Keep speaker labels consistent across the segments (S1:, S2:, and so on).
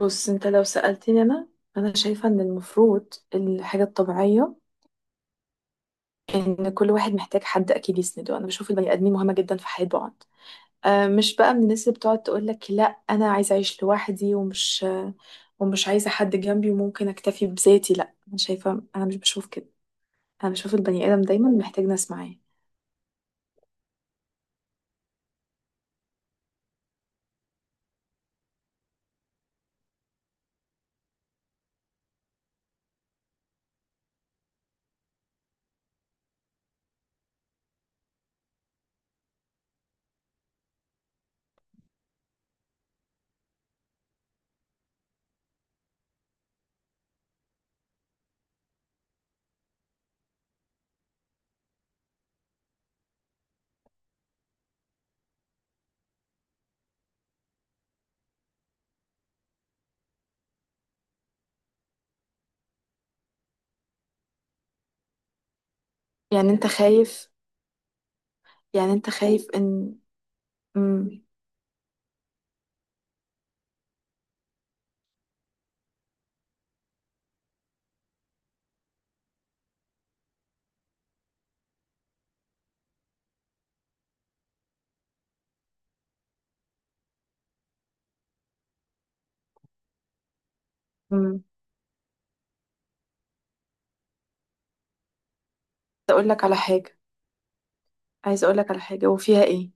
S1: بص انت لو سألتني انا شايفة ان المفروض الحاجة الطبيعية ان كل واحد محتاج حد اكيد يسنده. انا بشوف البني ادمين مهمة جدا في حياة بعض. آه، مش بقى من الناس اللي بتقعد تقول لك لا انا عايزة اعيش لوحدي ومش عايزة حد جنبي وممكن اكتفي بذاتي. لا، انا شايفة، انا مش بشوف كده. انا بشوف البني ادم دايما محتاج ناس معاه. يعني انت خايف؟ يعني انت خايف ان... امم امم اقول لك على حاجة، عايزة اقول لك على حاجة، وفيها ايه؟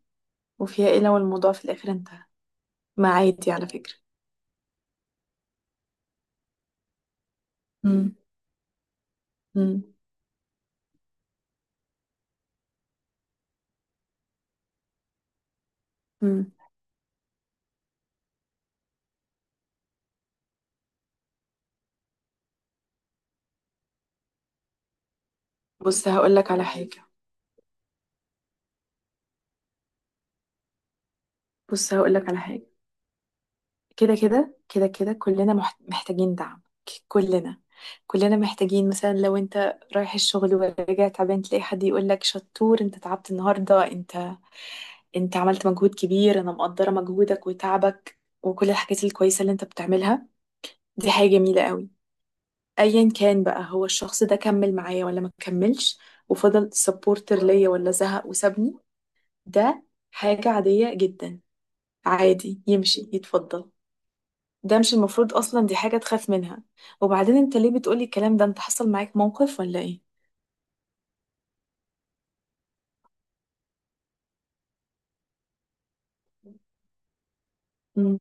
S1: وفيها ايه لو الموضوع في الاخر انتهى؟ ما عادي على فكرة. مم. مم. مم. بص هقول لك على حاجة، بص هقول لك على حاجة. كده كده كده كده كلنا محتاجين دعم، كلنا كلنا محتاجين. مثلا لو انت رايح الشغل وراجع تعبان تلاقي حد يقول لك شطور، انت تعبت النهاردة، انت عملت مجهود كبير، انا مقدرة مجهودك وتعبك وكل الحاجات الكويسة اللي انت بتعملها، دي حاجة جميلة قوي. ايا كان بقى هو الشخص ده كمل معايا ولا ما كملش، وفضل سبورتر ليا ولا زهق وسابني، ده حاجة عادية جدا. عادي يمشي يتفضل. ده مش المفروض أصلا دي حاجة تخاف منها. وبعدين أنت ليه بتقولي الكلام ده؟ أنت حصل معاك موقف ولا إيه؟ مم.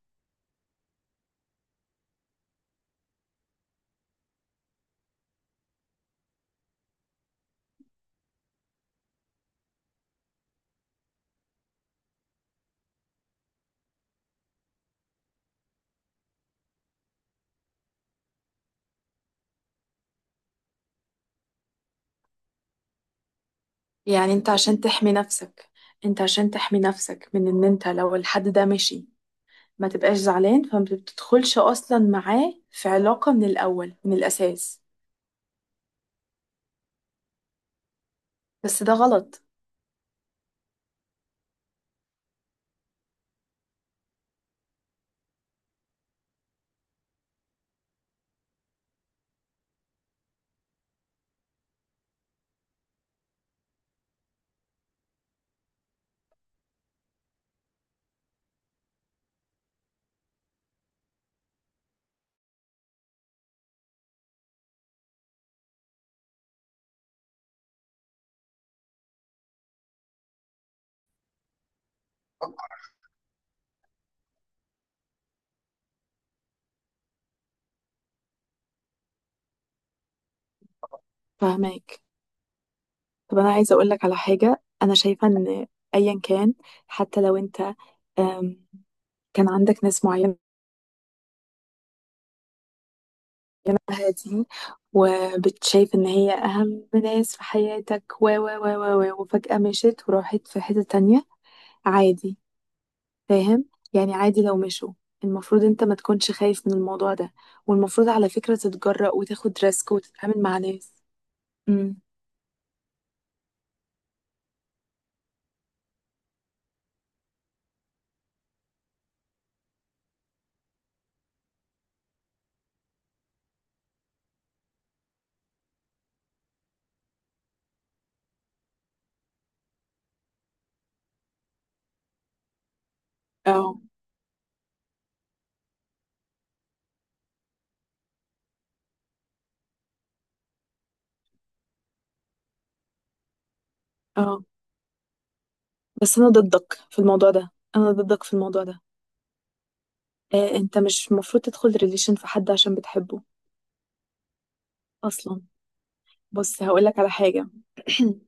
S1: يعني أنت عشان تحمي نفسك، أنت عشان تحمي نفسك من إن أنت لو الحد ده مشي ما تبقاش زعلان، فما بتدخلش أصلا معاه في علاقة من الأول من الأساس. بس ده غلط. فهماك. طب أنا عايزة أقولك على حاجة، أنا شايفة إن أيا كان، حتى لو أنت أم، كان عندك ناس معينة معاها دي وبتشايف ان هي اهم ناس في حياتك و وفجأة مشيت وراحت في حتة تانية، عادي. فاهم؟ يعني عادي لو مشوا، المفروض انت ما تكونش خايف من الموضوع ده، والمفروض على فكرة تتجرأ وتاخد ريسك وتتعامل مع ناس. امم اه. اه، بس انا ضدك في الموضوع ده، انا ضدك في الموضوع ده. آه، انت مش المفروض تدخل ريليشن في حد عشان بتحبه اصلا. بص هقولك على حاجة.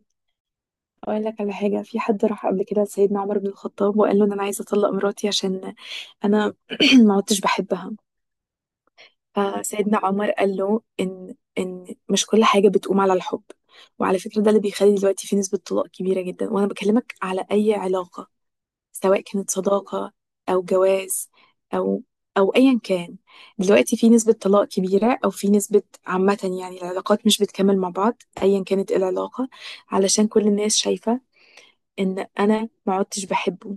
S1: اقول لك على حاجه، في حد راح قبل كده لسيدنا عمر بن الخطاب وقال له إن انا عايزه اطلق مراتي عشان انا ما عدتش بحبها. فسيدنا عمر قال له ان مش كل حاجه بتقوم على الحب. وعلى فكره ده اللي بيخلي دلوقتي في نسبه طلاق كبيره جدا، وانا بكلمك على اي علاقه، سواء كانت صداقه او جواز او ايا كان. دلوقتي في نسبه طلاق كبيره او في نسبه عامه يعني العلاقات مش بتكمل مع بعض ايا كانت إيه العلاقه، علشان كل الناس شايفه ان انا ما عدتش بحبه،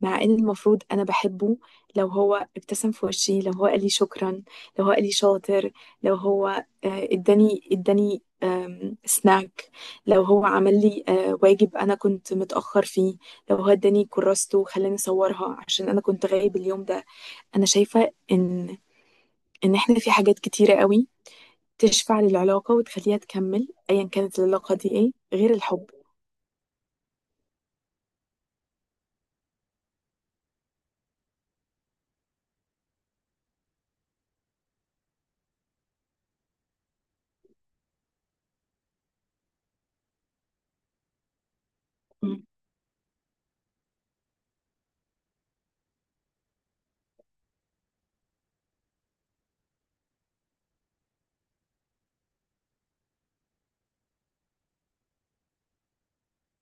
S1: مع ان المفروض انا بحبه. لو هو ابتسم في وشي، لو هو قال لي شكرا، لو هو قال لي شاطر، لو هو اداني سناك، لو هو عمل لي واجب انا كنت متاخر فيه، لو هو اداني كراسته وخلاني اصورها عشان انا كنت غايب اليوم ده. انا شايفه ان احنا في حاجات كتيره قوي تشفع للعلاقه وتخليها تكمل ايا كانت العلاقه دي ايه، غير الحب. مم.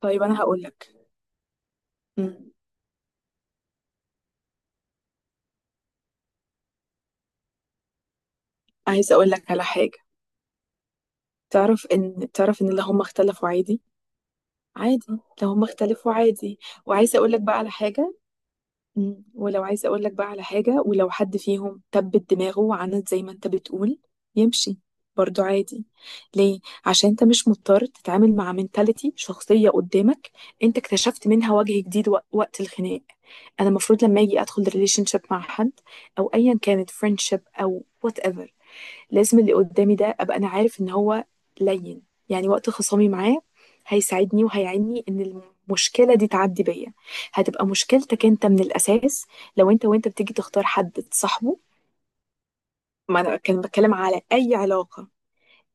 S1: طيب انا هقول لك، عايزة اقول لك على حاجة. تعرف ان اللي هم اختلفوا عادي. عادي لو هم اختلفوا، عادي. وعايزة اقول لك بقى على حاجة. ولو، عايزة اقول لك بقى على حاجة، ولو حد فيهم تبت دماغه وعند زي ما انت بتقول يمشي، برضو عادي. ليه؟ عشان انت مش مضطر تتعامل مع منتاليتي شخصية قدامك انت اكتشفت منها وجه جديد وقت الخناق. انا المفروض لما اجي ادخل ريليشن شيب مع حد او ايا كانت فريندشيب او whatever، لازم اللي قدامي ده ابقى انا عارف ان هو لين، يعني وقت خصامي معاه هيساعدني وهيعيني ان المشكله دي تعدي بيا. هتبقى مشكلتك انت من الاساس لو انت بتيجي تختار حد تصاحبه، ما انا كان بتكلم على اي علاقه.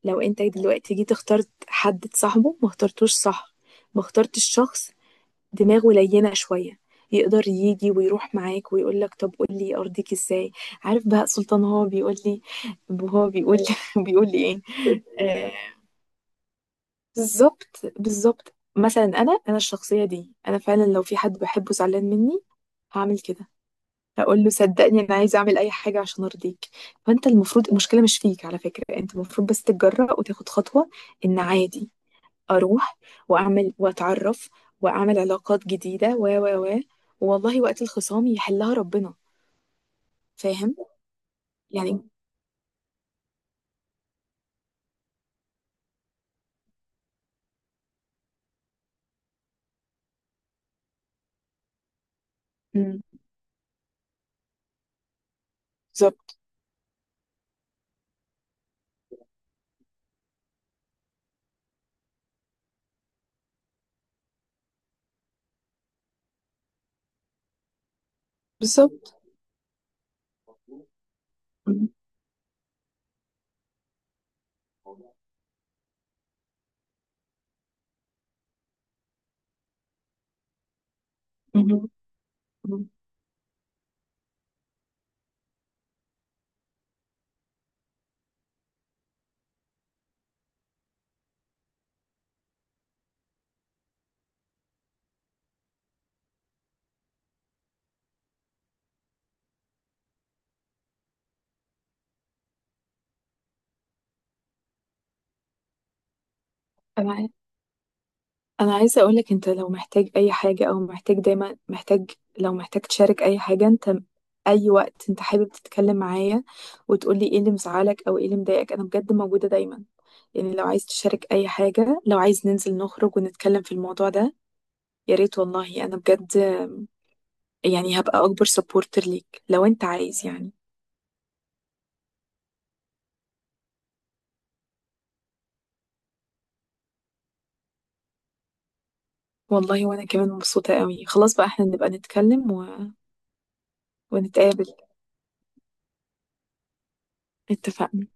S1: لو انت دلوقتي جيت اخترت حد تصاحبه ما اخترتوش صح، ما اخترتش شخص دماغه لينه شويه يقدر يجي ويروح معاك ويقول لك طب قول لي ارضيك ازاي. عارف بهاء سلطان هو بيقول لي، وهو بيقول بيقول لي ايه؟ آه، بالظبط بالظبط، مثلا انا الشخصيه دي انا فعلا لو في حد بحبه زعلان مني هعمل كده، هقول له صدقني انا عايزه اعمل اي حاجه عشان ارضيك. فانت المفروض، المشكله مش فيك على فكره، انت المفروض بس تتجرأ وتاخد خطوه ان عادي اروح واعمل واتعرف واعمل علاقات جديده و والله وقت الخصام يحلها ربنا. فاهم يعني؟ مم. بالظبط بالظبط. مم. مم. مم. انا انا عايزه اقولك، انت لو محتاج اي حاجه او محتاج، دايما محتاج، لو محتاج تشارك اي حاجه انت، اي وقت انت حابب تتكلم معايا وتقولي ايه اللي مزعلك او ايه اللي مضايقك، انا بجد موجوده دايما. يعني لو عايز تشارك اي حاجه، لو عايز ننزل نخرج ونتكلم في الموضوع ده، يا ريت، والله انا بجد يعني هبقى اكبر سبورتر ليك لو انت عايز يعني. والله وانا كمان مبسوطه قوي. خلاص بقى احنا نبقى نتكلم و... ونتقابل. اتفقنا.